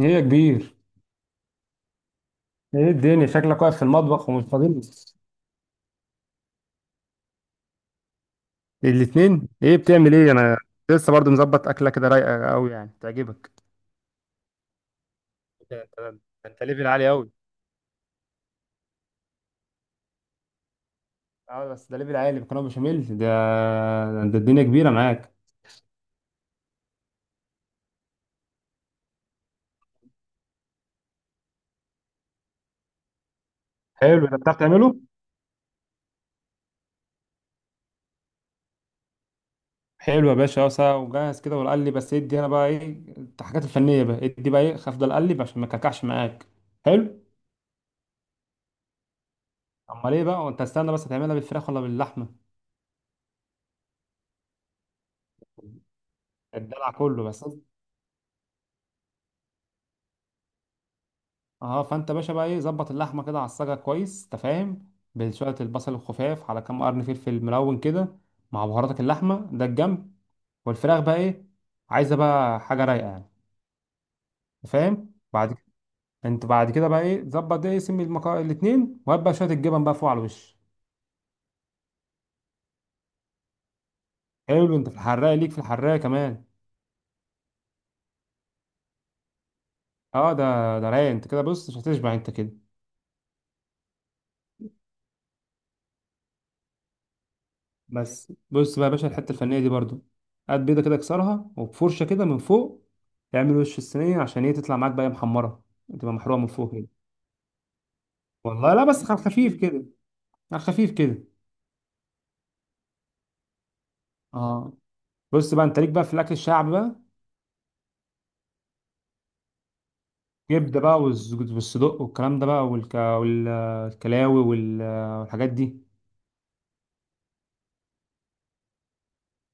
ايه يا كبير؟ ايه الدنيا، شكلك واقف في المطبخ ومش فاضي. الاثنين ايه، بتعمل ايه انا؟ لسه برضو مظبط اكله كده رايقه قوي يعني تعجبك. ده انت ده، انت ليفل عالي قوي. اه بس ده ليفل عالي، مكرونه بشاميل ده. ده الدنيا كبيره معاك. حلو، ده بتعرف تعمله؟ حلو يا باشا، اه ساعة وجاهز كده والقلي بس. ادي انا بقى ايه الحاجات الفنيه بقى، ادي بقى ايه افضل اقلب عشان ما اكلكعش معاك. حلو. امال ايه بقى، وانت استنى بس هتعملها بالفراخ ولا باللحمه؟ الدلع كله بس. اه فانت باشا بقى ايه، ظبط اللحمه كده على الصاجه كويس انت فاهم، بشويه البصل الخفاف على كام قرن فلفل ملون كده، مع بهاراتك، اللحمه ده الجنب. والفراخ بقى ايه، عايزه بقى حاجه رايقه يعني، انت فاهم. بعد كده، انت بعد كده بقى ايه ظبط، ده اسم الاتنين، وهات بقى شويه الجبن بقى فوق على الوش. حلو، انت في الحراقه ليك، في الحراقه كمان. اه ده رايق، انت كده بص مش هتشبع انت كده. بس بص بقى يا باشا، الحته الفنيه دي برضو هات بيضه كده اكسرها، وبفرشه كده من فوق تعمل وش الصينيه عشان ايه تطلع معاك بقى محمره، تبقى محروقه من فوق كده. والله لا، بس على خفيف كده، على خفيف كده. اه بص بقى، انت ليك بقى في الاكل الشعبي بقى، كبده بقى والصدق والكلام ده بقى والكلاوي والحاجات دي.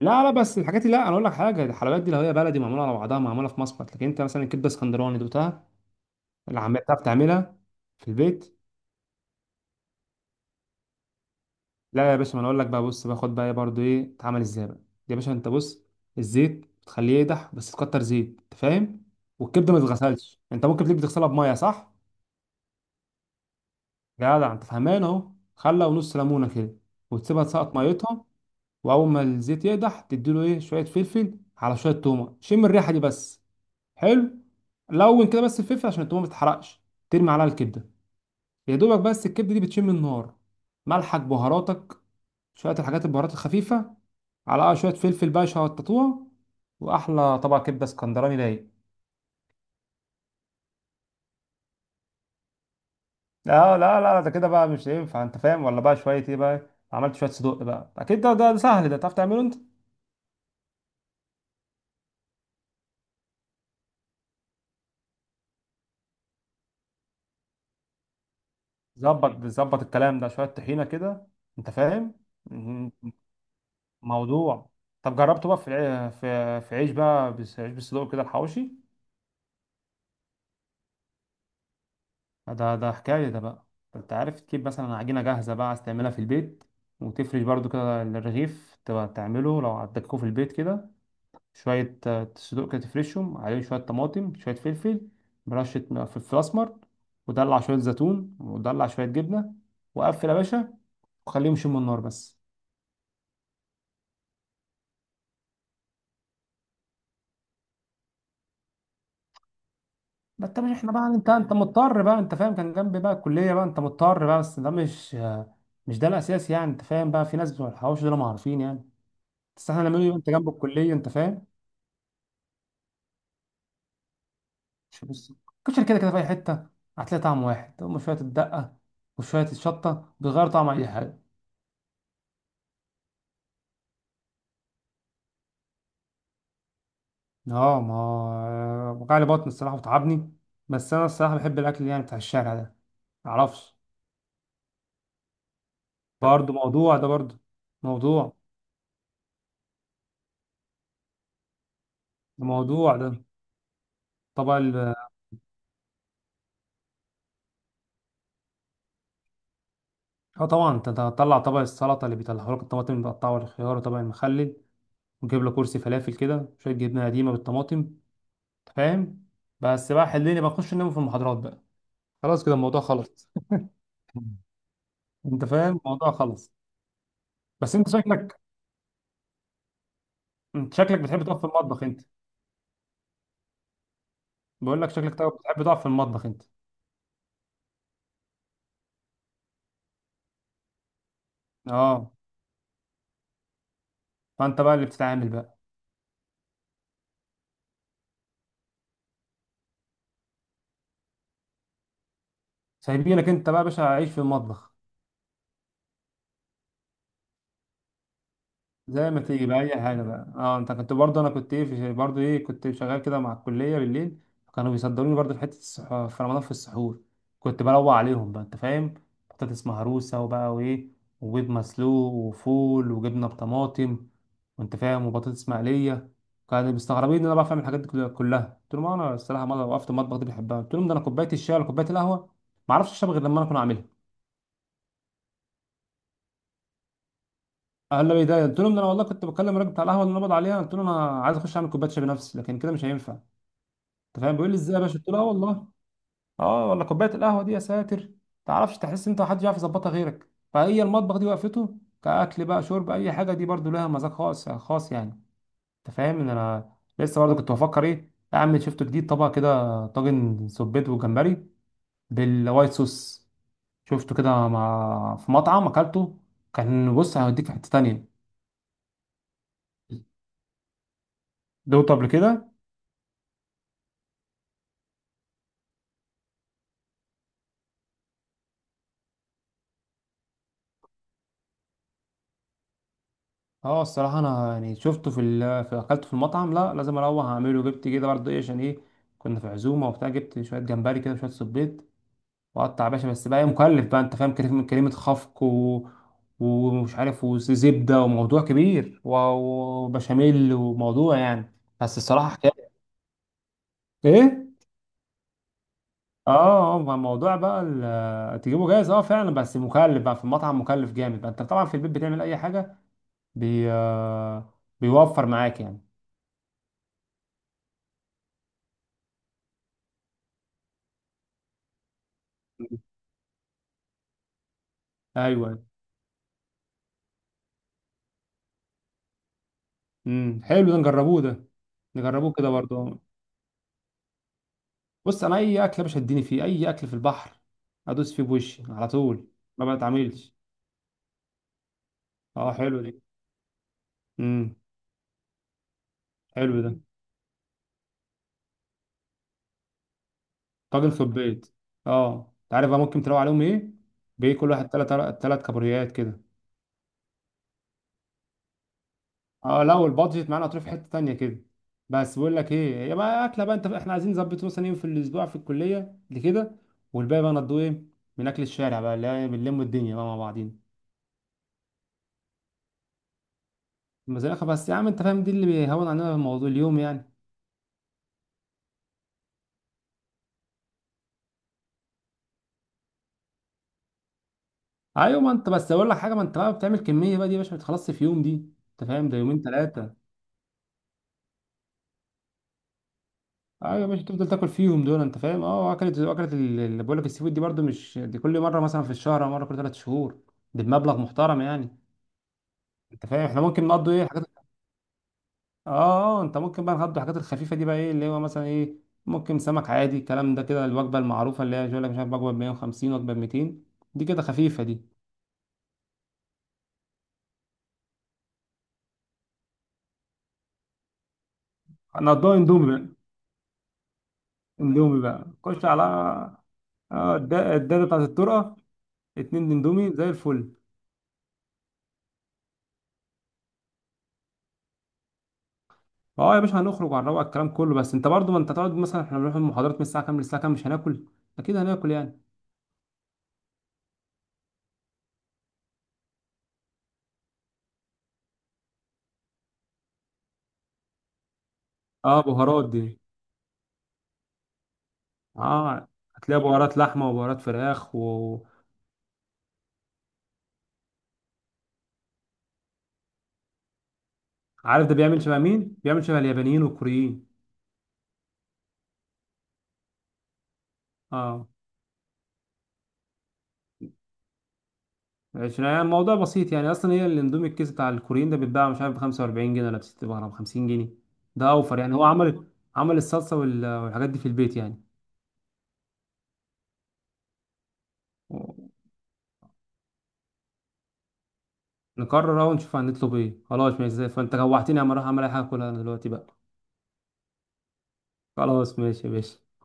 لا لا، بس الحاجات دي لا، انا اقول لك حاجه، الحلويات دي لو هي بلدي معموله على بعضها معموله في مصمت، لكن انت مثلا الكبده اسكندراني دوتها اللي عم بتعرف تعملها في البيت. لا يا باشا، ما انا اقول لك بقى، بص باخد بقى برضو ايه اتعمل ازاي بقى. يا باشا انت بص، الزيت بتخليه يقدح بس تكتر زيت انت فاهم، والكبده ما تتغسلش، انت ممكن تيجي تغسلها بميه، صح، جدع انت فهمان اهو، خله ونص ليمونه كده وتسيبها تسقط ميتها. واول ما الزيت يقدح، تديله ايه شويه فلفل على شويه تومه، شم الريحه دي بس، حلو، لون كده بس الفلفل عشان التومه ما تتحرقش. ترمي عليها الكبده يا دوبك بس، الكبده دي بتشم النار، ملحك بهاراتك، شويه الحاجات البهارات الخفيفه، على شويه فلفل بقى شططوها، واحلى طبق كبده اسكندراني رايق. لا لا لا، ده كده بقى مش ينفع انت فاهم. ولا بقى شويه ايه بقى، عملت شويه صدق بقى، اكيد ده سهل، ده تعرف تعمله انت. ظبط الكلام ده، شويه طحينه كده انت فاهم. مهم، موضوع. طب جربته بقى في الع- في في عيش بقى عيش بالصدق كده، الحواوشي ده، ده حكاية ده بقى. انت عارف تجيب مثلا عجينة جاهزة بقى، عايز تعملها في البيت وتفرش برضو كده الرغيف، تبقى تعمله لو عندكوا في البيت كده. شوية صدوق كده، تفرشهم عليهم شوية طماطم، شوية فلفل، برشة فلفل أسمر، ودلع شوية زيتون، ودلع شوية جبنة، وقفل يا باشا، وخليهم يشموا النار بس. ما انت مش احنا بقى، انت مضطر بقى انت فاهم، كان جنبي بقى الكلية بقى، انت مضطر بقى. بس ده مش مش ده الأساس يعني انت فاهم. بقى في ناس بتوع الحواوشي دول ما عارفين يعني، بس احنا هنعمله يبقى انت جنب الكليه انت فاهم. مش بص، كشري كده كده في اي حته هتلاقي طعم واحد، هم شويه الدقه وشويه الشطه بيغيروا طعم اي حاجه. اه ما وجعلي بطن الصراحه وتعبني، بس انا الصراحه بحب الاكل يعني بتاع الشارع ده، معرفش. برضه موضوع ده، برضه موضوع ده، موضوع ده، طبق ال. اه طبعا، انت أنت هتطلع طبق السلطه اللي بيطلعوا لك الطماطم المتقطعه والخيار وطبق المخلل، وتجيب له كرسي فلافل كده، شويه جبنه قديمه بالطماطم، أنت فاهم. بس بقى حليني بخش انام في المحاضرات بقى، خلاص كده الموضوع خلص. انت فاهم، الموضوع خلص. بس انت شكلك، انت شكلك بتحب تقف في المطبخ انت. بقول لك شكلك بتحب تقف في المطبخ انت. اه فانت بقى اللي بتتعامل بقى. سايبينك انت بقى يا باشا عيش في المطبخ. زي ما تيجي بقى اي حاجه بقى. اه انت كنت برضه، انا كنت ايه برضه ايه، كنت شغال كده مع الكليه بالليل، كانوا بيصدروني برضه في حته في رمضان في السحور. كنت بروق عليهم بقى انت فاهم، بطاطس مهروسه وبقى وايه، وبيض مسلوق وفول وجبنه بطماطم، وانت فاهم، وبطاطس مقليه. كانوا مستغربين ان انا بعرف اعمل الحاجات دي كلها. قلت لهم انا الصراحه مره وقفت المطبخ دي بحبها. قلت لهم ده انا كوبايه الشاي ولا كوبايه القهوه ما اعرفش اشرب غير لما انا اكون عاملها. قال لي ده قلت لهم ده انا والله كنت بكلم الراجل بتاع القهوه اللي نبض عليها، قلت له انا عايز اخش اعمل كوبايه شاي بنفسي لكن كده مش هينفع انت فاهم، بيقول لي ازاي يا باشا، قلت له اه والله. اه، ولا كوبايه القهوه دي يا ساتر، تعرفش تحس انت محدش يعرف يظبطها غيرك. فهي المطبخ دي وقفته كاكل بقى شرب اي حاجه، دي برضو لها مذاق خاص خاص يعني، انت فاهم ان انا لسه برضو كنت بفكر ايه اعمل شفت جديد، طبق كده طاجن سبيت وجمبري بالوايت صوص، شفته كده مع في مطعم اكلته، كان بص هيوديك في حته تانيه. دوقته قبل كده؟ اه الصراحة أنا يعني شفته في ال في أكلته في المطعم، لا لازم أروح أعمله، جبت كده برضه إيه عشان إيه، كنا في عزومة وبتاع، جبت شوية جمبري كده وشوية صبيط وقطع يا باشا، بس بقى إيه مكلف بقى أنت فاهم، كلمة كلمة خفق ومش عارف، وزبدة وموضوع كبير وبشاميل وموضوع يعني، بس الصراحة حكاية. إيه؟ اه اه، ما الموضوع بقى تجيبه جاهز اه فعلا، بس مكلف بقى في المطعم مكلف جامد بقى، انت طبعا في البيت بتعمل اي حاجه بي... آه، بيوفر معاك يعني. ايوه. حلو ده، نجربوه ده. نجربوه كده برضه. بص انا اي اكل يا باشا اديني فيه، اي اكل في البحر ادوس فيه بوشي على طول، ما بتعاملش. اه حلو دي، امم حلو ده. طاجن سبيت، اه انت عارف بقى ممكن تروق عليهم ايه، بايه كل واحد تلات تلات كابوريات كده. اه لو البادجت معانا هتروح في حته تانيه كده. بس بقول لك ايه يا بقى، اكله بقى انت، احنا عايزين نظبط مثلا يوم في الاسبوع في الكليه لكده، والباقي بقى نضوه ايه من اكل الشارع بقى اللي هي بنلم الدنيا بقى مع بعضينا. مزرعة بس يا عم انت فاهم، دي اللي بيهون علينا الموضوع اليوم يعني. ايوه ما انت، بس اقول لك حاجه، ما انت بقى بتعمل كميه بقى دي يا باشا ما بتخلصش في يوم دي، انت فاهم، ده يومين ثلاثه. ايوه يا باشا، تفضل تاكل فيهم دول انت فاهم. اه، اكلت اللي بقول لك السي فود دي برضو، مش دي كل مره، مثلا في الشهر او مره كل ثلاث شهور، دي بمبلغ محترم يعني، انت فاهم، احنا ممكن نقضي ايه حاجات. اه اه، انت ممكن بقى نقضي الحاجات الخفيفه دي بقى ايه اللي هو مثلا ايه، ممكن سمك عادي، الكلام ده كده، الوجبه المعروفه اللي هي يقول لك مش عارف وجبه ب 150، وجبه ب 200، دي كده خفيفه دي. هنقضيها اندومي بقى. اندومي بقى خش على الداده بتاعت الطرقه، اتنين اندومي زي الفل. اه يا باشا، هنخرج وهنروق الكلام كله، بس انت برضو ما انت تقعد مثلا، احنا بنروح المحاضرات من الساعه كام للساعه كام، مش هناكل، اكيد هناكل يعني. اه بهارات دي، اه هتلاقي بهارات لحمه وبهارات فراخ وعارف. ده بيعمل شبه مين، بيعمل شبه اليابانيين والكوريين. اه عشان يعني الموضوع بسيط يعني اصلا، هي الاندومي الكيس بتاع الكوريين ده بيتباع مش عارف ب 45 جنيه ولا ب 60 ولا ب 50 جنيه، ده اوفر يعني. هو عمل الصلصه والحاجات دي في البيت يعني. نقرر اهو نشوف هنطلب ايه. خلاص ماشي زي الفل. فانت جوعتني اما اروح اعمل اي حاجه كلها انا دلوقتي بقى. خلاص ماشي يا باشا.